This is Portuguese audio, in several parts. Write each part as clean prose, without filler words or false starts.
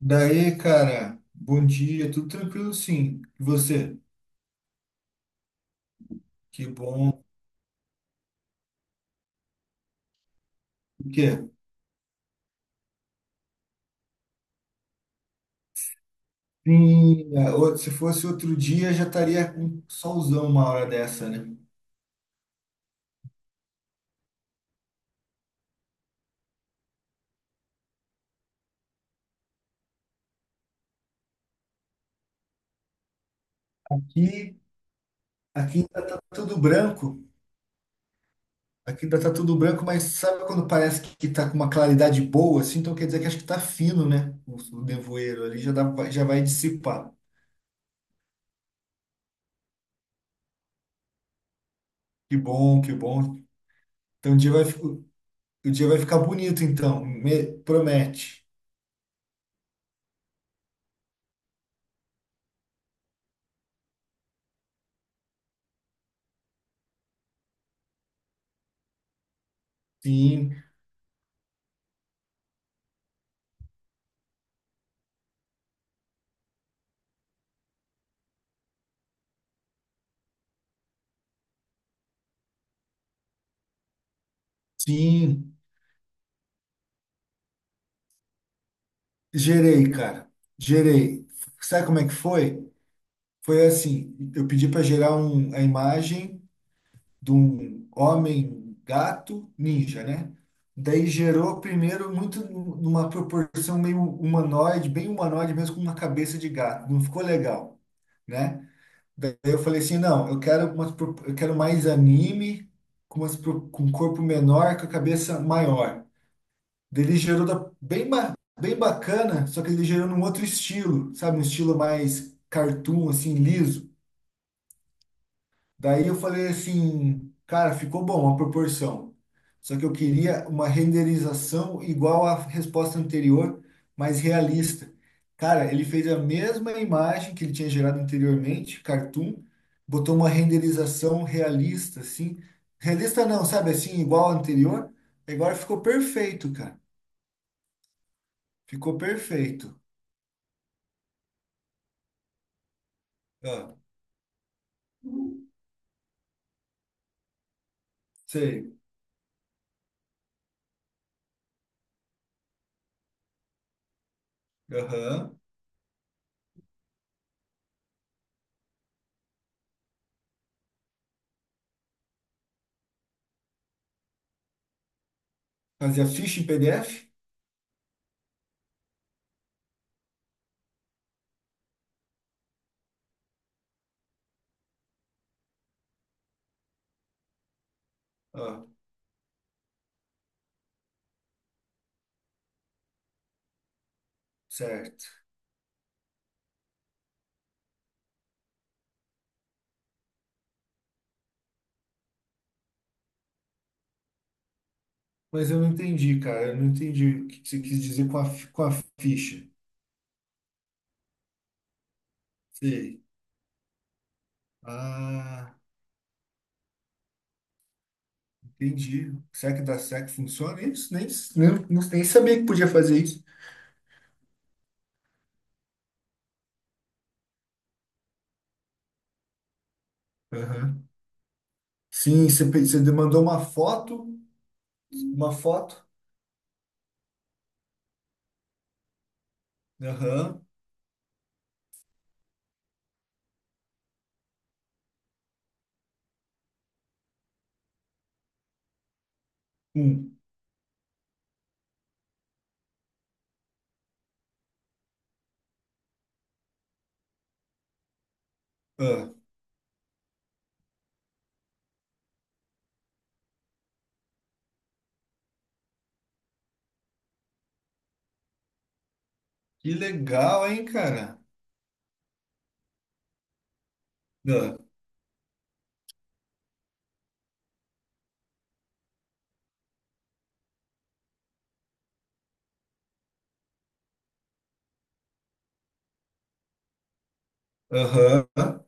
Daí, cara, bom dia, tudo tranquilo sim. E você? Que bom. O quê? Sim, se fosse outro dia já estaria com um solzão uma hora dessa, né? Aqui, aqui ainda tá tudo branco, aqui ainda tá tudo branco, mas sabe quando parece que tá com uma claridade boa, assim? Então quer dizer que acho que tá fino, né? O nevoeiro ali já dá, já vai dissipar. Que bom, que bom. Então o dia o dia vai ficar bonito, então, promete. Sim, sim. Gerei, cara. Gerei. Sabe como é que foi? Foi assim, eu pedi para gerar a imagem de um homem gato ninja, né? Daí gerou primeiro numa proporção meio humanoide, bem humanoide mesmo, com uma cabeça de gato. Não ficou legal, né? Daí eu falei assim, não, eu quero mais anime, com, com um corpo menor, com a cabeça maior. Ele gerou bem bacana, só que ele gerou num outro estilo, sabe? Um estilo mais cartoon, assim, liso. Daí eu falei assim, cara, ficou bom a proporção. Só que eu queria uma renderização igual à resposta anterior, mas realista. Cara, ele fez a mesma imagem que ele tinha gerado anteriormente, cartoon, botou uma renderização realista, assim. Realista não, sabe assim, igual ao anterior. Agora ficou perfeito, cara. Ficou perfeito. Ah, sei. Aham. Fazia ficha em PDF? Ah, certo. Mas eu não entendi, cara. Eu não entendi o que você quis dizer com a, com a ficha. Sei. Ah, entendi. Será que da SEC funciona isso? Nem, nem sabia que podia fazer isso. Aham. Sim, você, você demandou uma foto. Uma foto. Aham. Um. Ah, que legal, hein, cara? Ah, aham.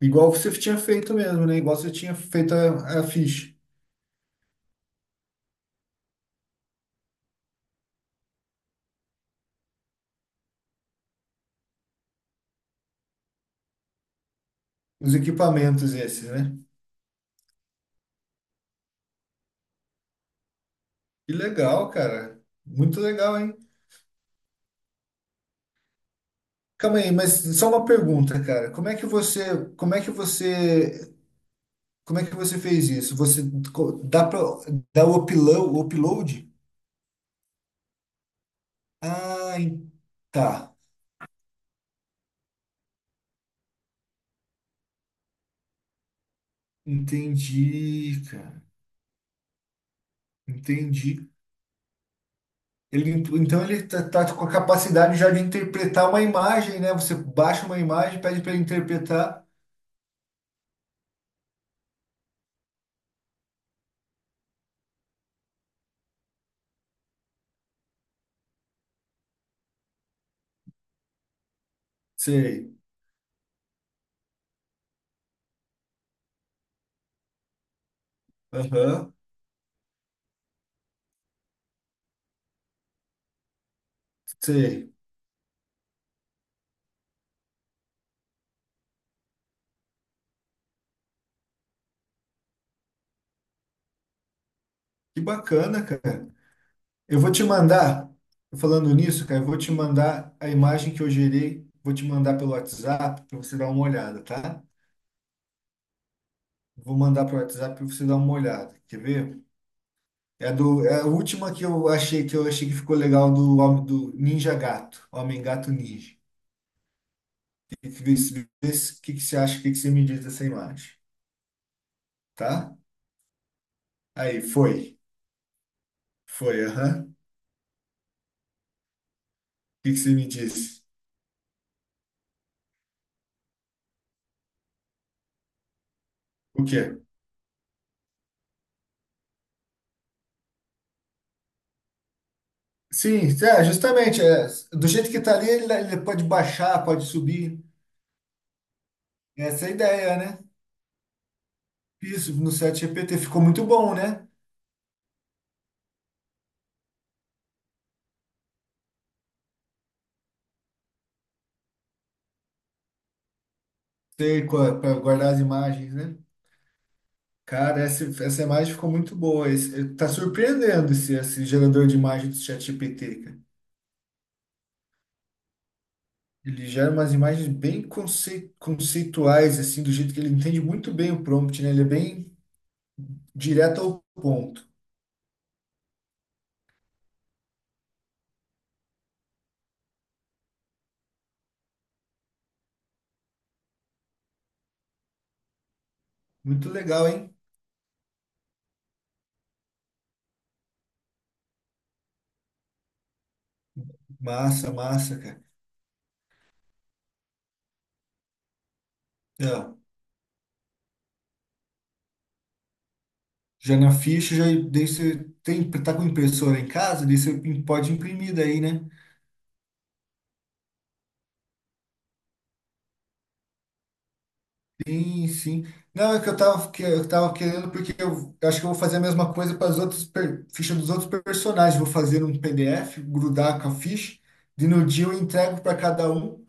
Igual você tinha feito mesmo, né? Igual você tinha feito a ficha. Os equipamentos esses, né? Que legal, cara. Muito legal, hein? Calma aí, mas só uma pergunta, cara. Como é que você fez isso? Você dá para dá o upload? Ah, tá. Entendi, cara. Entendi. Então ele tá com a capacidade já de interpretar uma imagem, né? Você baixa uma imagem, pede para ele interpretar. Sei. Aham. Sei. Que bacana, cara. Eu vou te mandar, falando nisso, cara, eu vou te mandar a imagem que eu gerei, vou te mandar pelo WhatsApp para você dar uma olhada, tá? Vou mandar pelo WhatsApp para você dar uma olhada. Quer ver? É do, é a última que eu achei que ficou legal do homem do Ninja Gato, Homem Gato Ninja. Que vê se- que você acha? O que que você me diz dessa imagem, tá? Aí, foi. Foi, aham. O que que você me disse? O quê? Sim, é, justamente, é, do jeito que tá ali, ele pode baixar, pode subir. Essa é a ideia, né? Isso, no chat GPT ficou muito bom, né? Ter para guardar as imagens, né? Cara, essa imagem ficou muito boa. Tá surpreendendo esse gerador de imagem do chat GPT, cara. Ele gera umas imagens bem conceituais, assim, do jeito que ele entende muito bem o prompt, né? Ele é bem direto ao ponto. Muito legal, hein? Massa, massa, cara. Ó, já na ficha, já daí você tem, tá com impressora em casa, daí você pode imprimir daí, né? Sim, sim. Não, é que eu tava querendo, porque eu acho que eu vou fazer a mesma coisa para as outras fichas dos outros personagens. Vou fazer um PDF, grudar com a ficha, e no dia eu entrego para cada um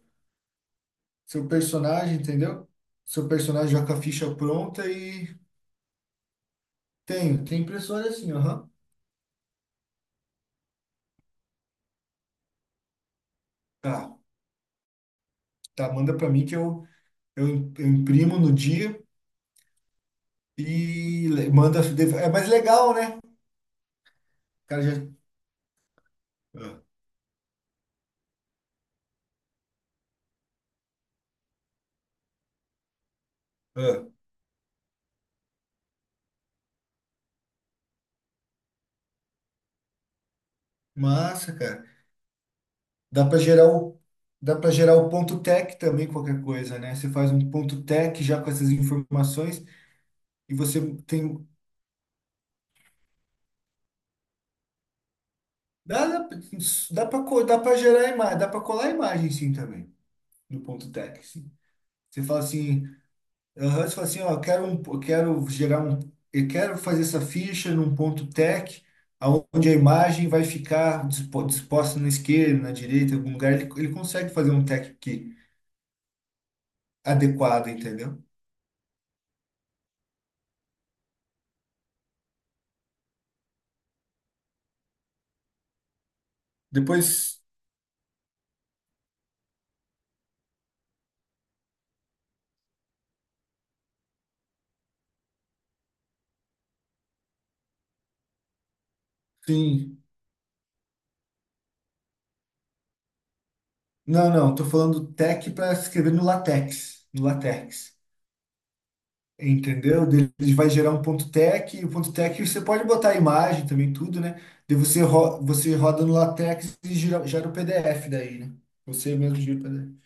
seu personagem, entendeu? Seu personagem já com a ficha pronta e tenho, tem impressora assim, aham. Tá, tá, manda para mim que eu, eu imprimo no dia e manda. É mais legal, né? O cara já. Ah, ah. Massa, cara. Dá para gerar o, dá para gerar o ponto tech também, qualquer coisa, né? Você faz um ponto tech já com essas informações e você tem. Dá, dá para gerar imagem, dá para colar imagem sim também no ponto tech, sim. Você fala assim, aham, você fala assim, ó, eu quero um, eu quero gerar um, eu quero fazer essa ficha num ponto tech, aonde a imagem vai ficar disposta na esquerda, na direita, em algum lugar, ele consegue fazer um tech que adequado, entendeu? Depois, sim. Não, não, tô falando tech para escrever no LaTeX, no LaTeX. Entendeu? Daí ele vai gerar um ponto .tech, e o ponto .tech você pode botar a imagem também, tudo, né? Daí você, você roda no LaTeX e gera o PDF daí, né? Você mesmo gira o PDF.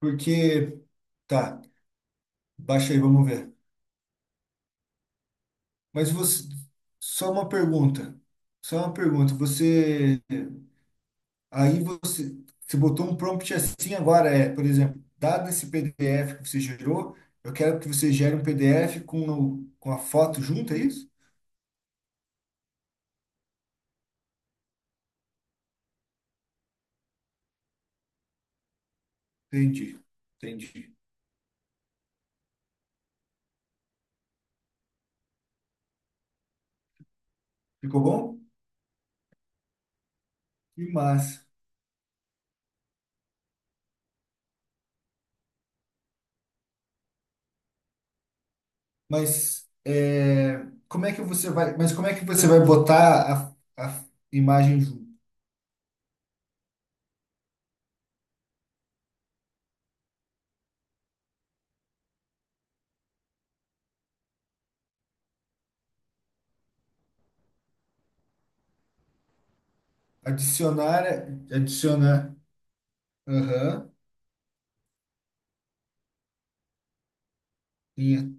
Porque, tá, baixa aí, vamos ver. Mas você, só uma pergunta, só uma pergunta. Você Aí você, botou um prompt assim agora, é, por exemplo, dado esse PDF que você gerou, eu quero que você gere um PDF com, com a foto junto, é isso? Entendi, entendi. Ficou bom? Que massa. Mas é, mas como é que você vai botar a imagem junto? Adicionar, adicionar, aham, linha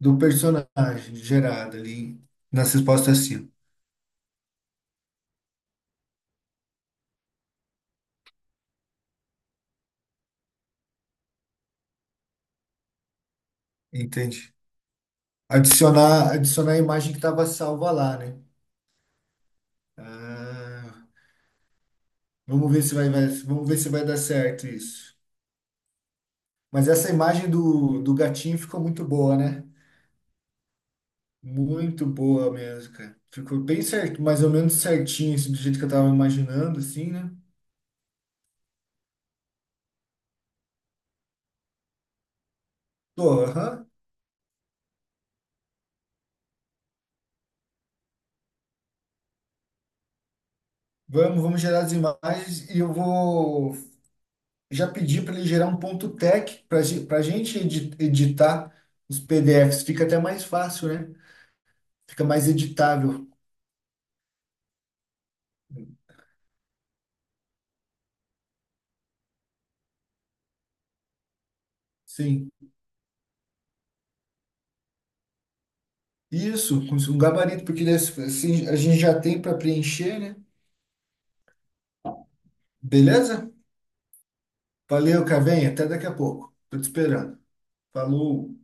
do personagem gerada ali nas respostas acima. Entendi. Adicionar, adicionar a imagem que estava salva lá, né? Ah, vamos ver se vamos ver se vai dar certo isso. Mas essa imagem do, do gatinho ficou muito boa, né? Muito boa mesmo, cara. Ficou bem certo, mais ou menos certinho, assim, do jeito que eu tava imaginando, assim, né? Tô, aham. Vamos, vamos gerar as imagens e eu vou já pedir para ele gerar um ponto tech para gente editar os PDFs. Fica até mais fácil, né? Fica mais editável. Sim. Isso, com um gabarito, porque assim assim, a gente já tem para preencher, né? Beleza? Valeu, Cavenha. Até daqui a pouco. Tô te esperando. Falou.